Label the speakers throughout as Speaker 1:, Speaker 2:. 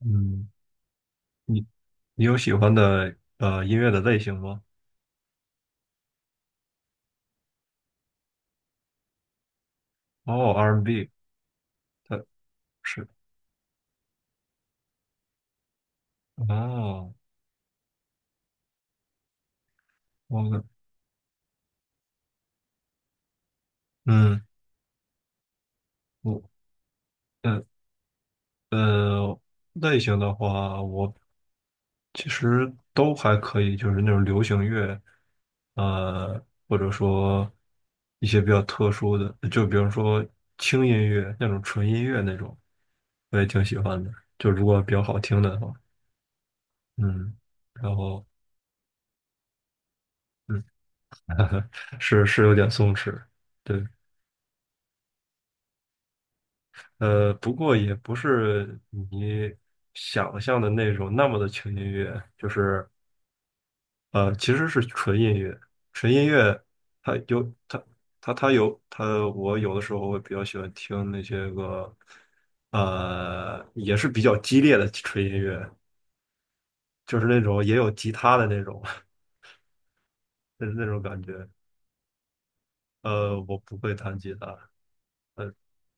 Speaker 1: 嗯，你你有喜欢的音乐的类型吗？哦，R&B，它是哦，我的嗯，我呃呃类型的话，我其实都还可以，就是那种流行乐，呃，或者说一些比较特殊的，就比如说轻音乐那种纯音乐那种，我也挺喜欢的，就如果比较好听的话。嗯，然后。嗯。是有点松弛。对，不过也不是你想象的那种那么的轻音乐，就是其实是纯音乐，纯音乐它有它它有它，我有的时候会比较喜欢听那些个也是比较激烈的纯音乐，就是那种也有吉他的那种。就是那种感觉。我不会弹吉他。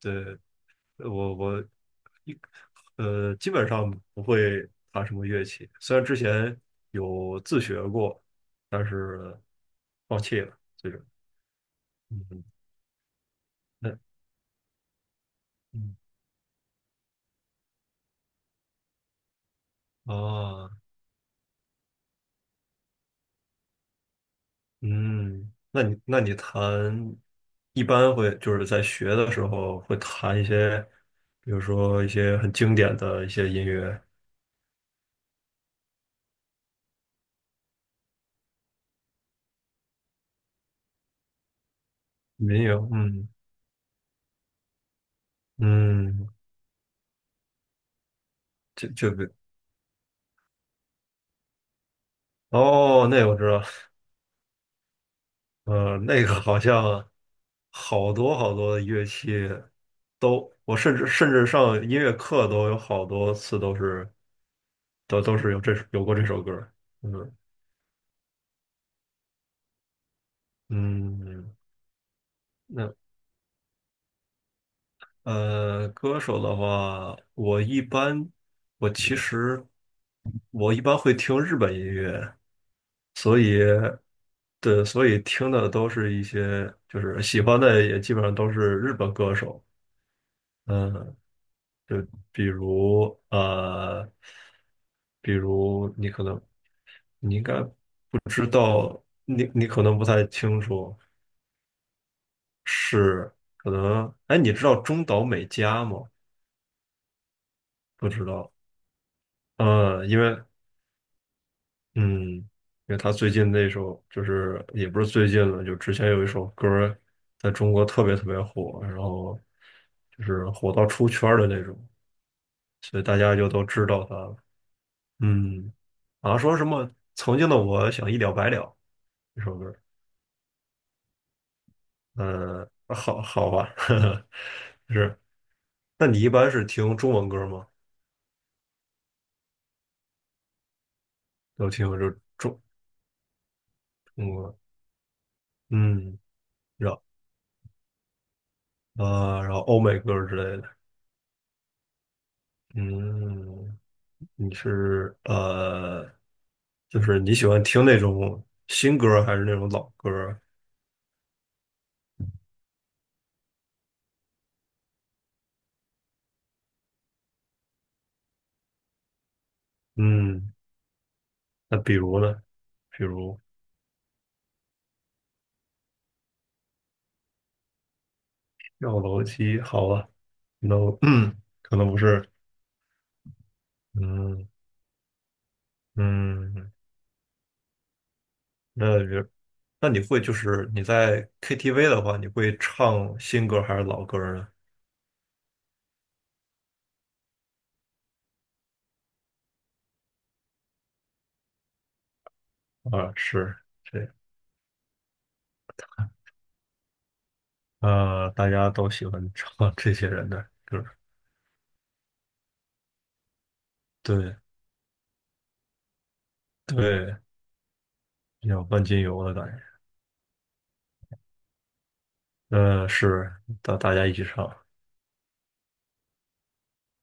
Speaker 1: 对，我一基本上不会弹什么乐器，虽然之前有自学过，但是放弃了。这个，嗯。那，嗯啊，嗯，那你一般会就是在学的时候会弹一些，比如说一些很经典的一些音乐民谣。嗯嗯，这个哦，那我知道。那个好像好多好多的乐器都，我甚至上音乐课都有好多次都是有有过这首歌儿。嗯嗯。那歌手的话，我其实我一般会听日本音乐。对，所以听的都是一些就是喜欢的也基本上都是日本歌手。嗯，就比如比如你可能你应该不知道，你可能不太清楚，是可能，哎，你知道中岛美嘉吗？不知道。呃，因为嗯，因为他最近那首就是也不是最近了，就之前有一首歌儿在中国特别特别火，然后就是火到出圈儿的那种，所以大家就都知道他了。嗯，好像说什么曾经的我想一了百了这首歌。嗯，好吧，呵呵。是。那你一般是听中文歌吗？都听，中中文。嗯，然后然后欧美歌之类的。嗯，你是呃，就是你喜欢听那种新歌还是那种老歌？嗯，那比如呢？比如跳楼机。好啊，no，可能不是。嗯。嗯，那也那你会就是你在 KTV 的话，你会唱新歌还是老歌呢？啊，这大家都喜欢唱 这些人的歌。对对，比较万金油的感觉。是大家一起唱。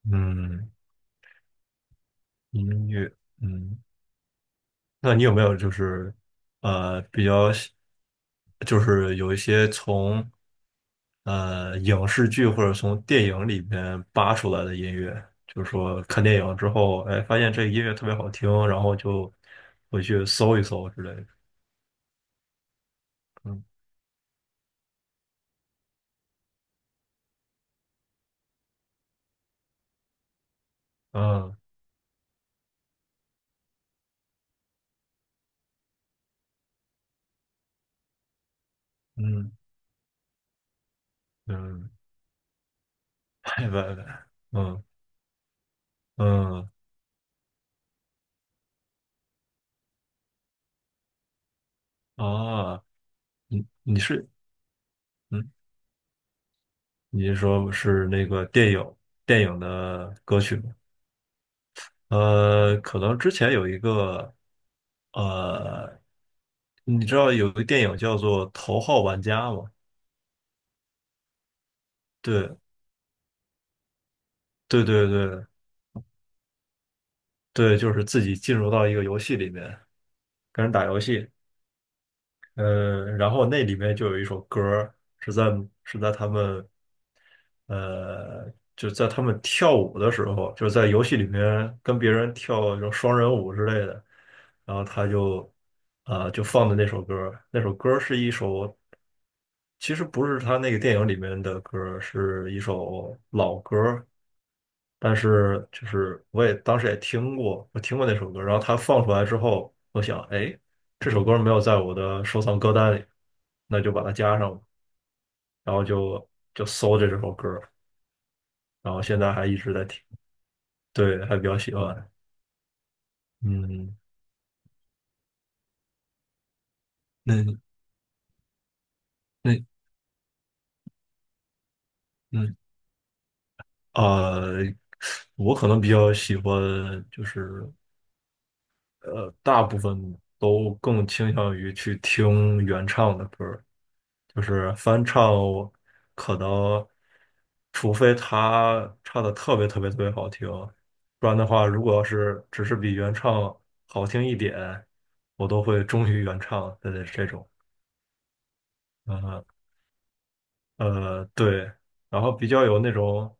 Speaker 1: 嗯，音乐。嗯，那你有没有就是比较喜。就是有一些从影视剧或者从电影里面扒出来的音乐，就是说看电影之后，哎，发现这个音乐特别好听，然后就回去搜一搜之类的。嗯嗯嗯嗯，拜拜拜。嗯嗯。啊，你你是嗯，你是说是电影的歌曲吗？可能之前有一个呃，你知道有个电影叫做《头号玩家》吗？对，对对对对，就是自己进入到一个游戏里面跟人打游戏。然后那里面就有一首歌儿，是在是在他们呃就在他们跳舞的时候，就是在游戏里面跟别人跳这种双人舞之类的，然后他就就放的那首歌儿。是一首。其实不是他那个电影里面的歌儿，是一首老歌儿，但是我也当时也听过，我听过那首歌。然后他放出来之后，我想，哎，这首歌没有在我的收藏歌单里，那就把它加上吧，然后就搜着这首歌儿。然后现在还一直在听。对，还比较喜欢。嗯，那那那呃，我可能比较喜欢，就是大部分都更倾向于去听原唱的歌儿。就是翻唱，可能除非他唱的特别特别特别好听，不然的话，如果要是只是比原唱好听一点，我都会忠于原唱的这种。呃对，然后比较有那种，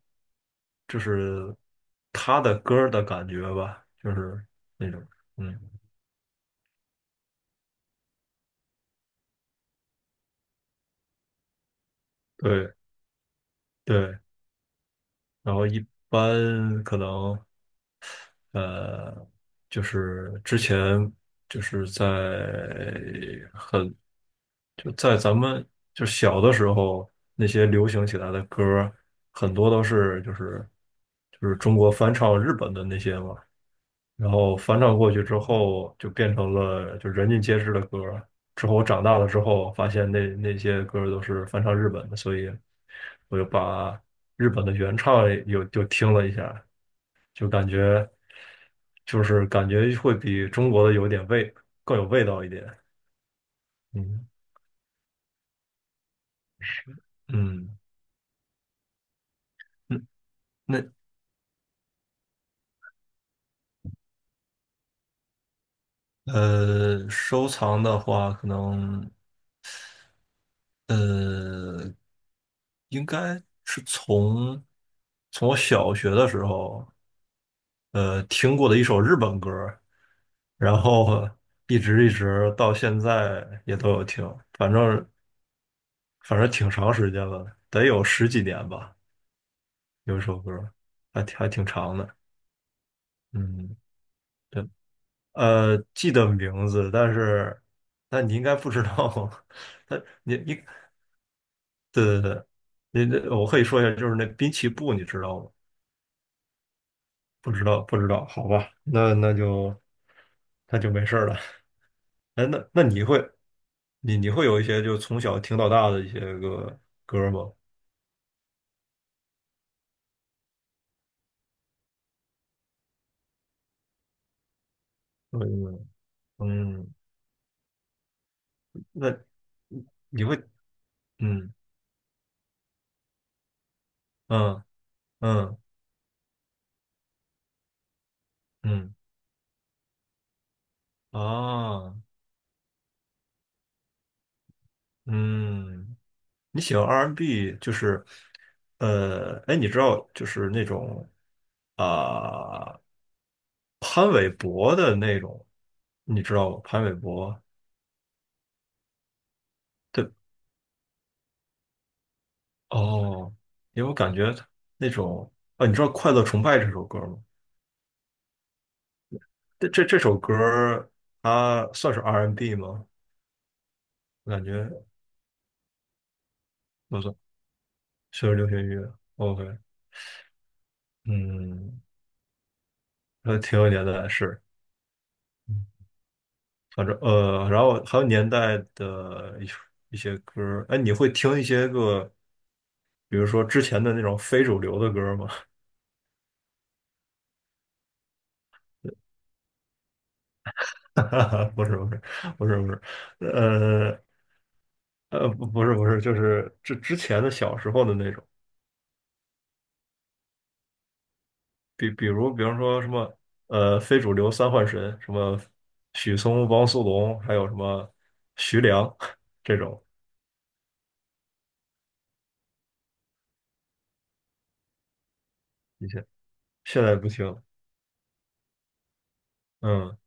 Speaker 1: 就是他的歌儿的感觉吧，就是那种。嗯，对对。然后一般可能呃，就是之前，就是在很，就在咱们就小的时候，那些流行起来的歌儿很多都是就是中国翻唱日本的那些嘛，然后翻唱过去之后，就变成了就人尽皆知的歌儿。之后我长大了之后，发现那些歌儿都是翻唱日本的，所以我就把日本的原唱又听了一下，就感觉感觉会比中国的有点味，更有味道一点。嗯嗯嗯，那收藏的话，可能呃，应该是从我小学的时候。听过的一首日本歌，然后一直到现在也都有听。反正反正挺长时间了，得有十几年吧。有一首歌，还挺长的。嗯。对。记得名字，但是你应该不知道。他，你，对对对，我可以说一下，就是那滨崎步，你知道吗？不知道，不知道，好吧，那就没事儿了。哎，那你会，你会有一些就从小听到大的一些个歌儿吗？嗯嗯，那你会，嗯嗯嗯嗯啊。嗯，你喜欢 R&B 就是。哎，你知道就是那种啊、潘玮柏的那种，你知道吗？潘玮柏，对。哦，因为我感觉那种，啊，你知道《快乐崇拜》这首歌吗？这首歌儿它算是 R&B 吗？我感觉不算，确实流行乐。OK。嗯。还挺有年代的，是。嗯，反正然后还有年代的一些歌儿。哎，你会听一些个，比如说之前的那种非主流的歌儿吗？不是不是，不是不是，呃不是不是，就是之前的小时候的那种。比如，比方说什么，非主流三幻神，什么许嵩、汪苏泷，还有什么徐良 这种。一些现在不听了。嗯，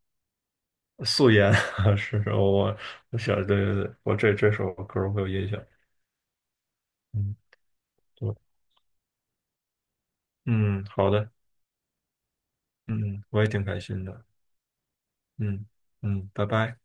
Speaker 1: 素颜。 是是，我想，对对对，我这首歌儿会有印象。嗯，对。嗯，好的。嗯，我也挺开心的。嗯嗯，拜拜。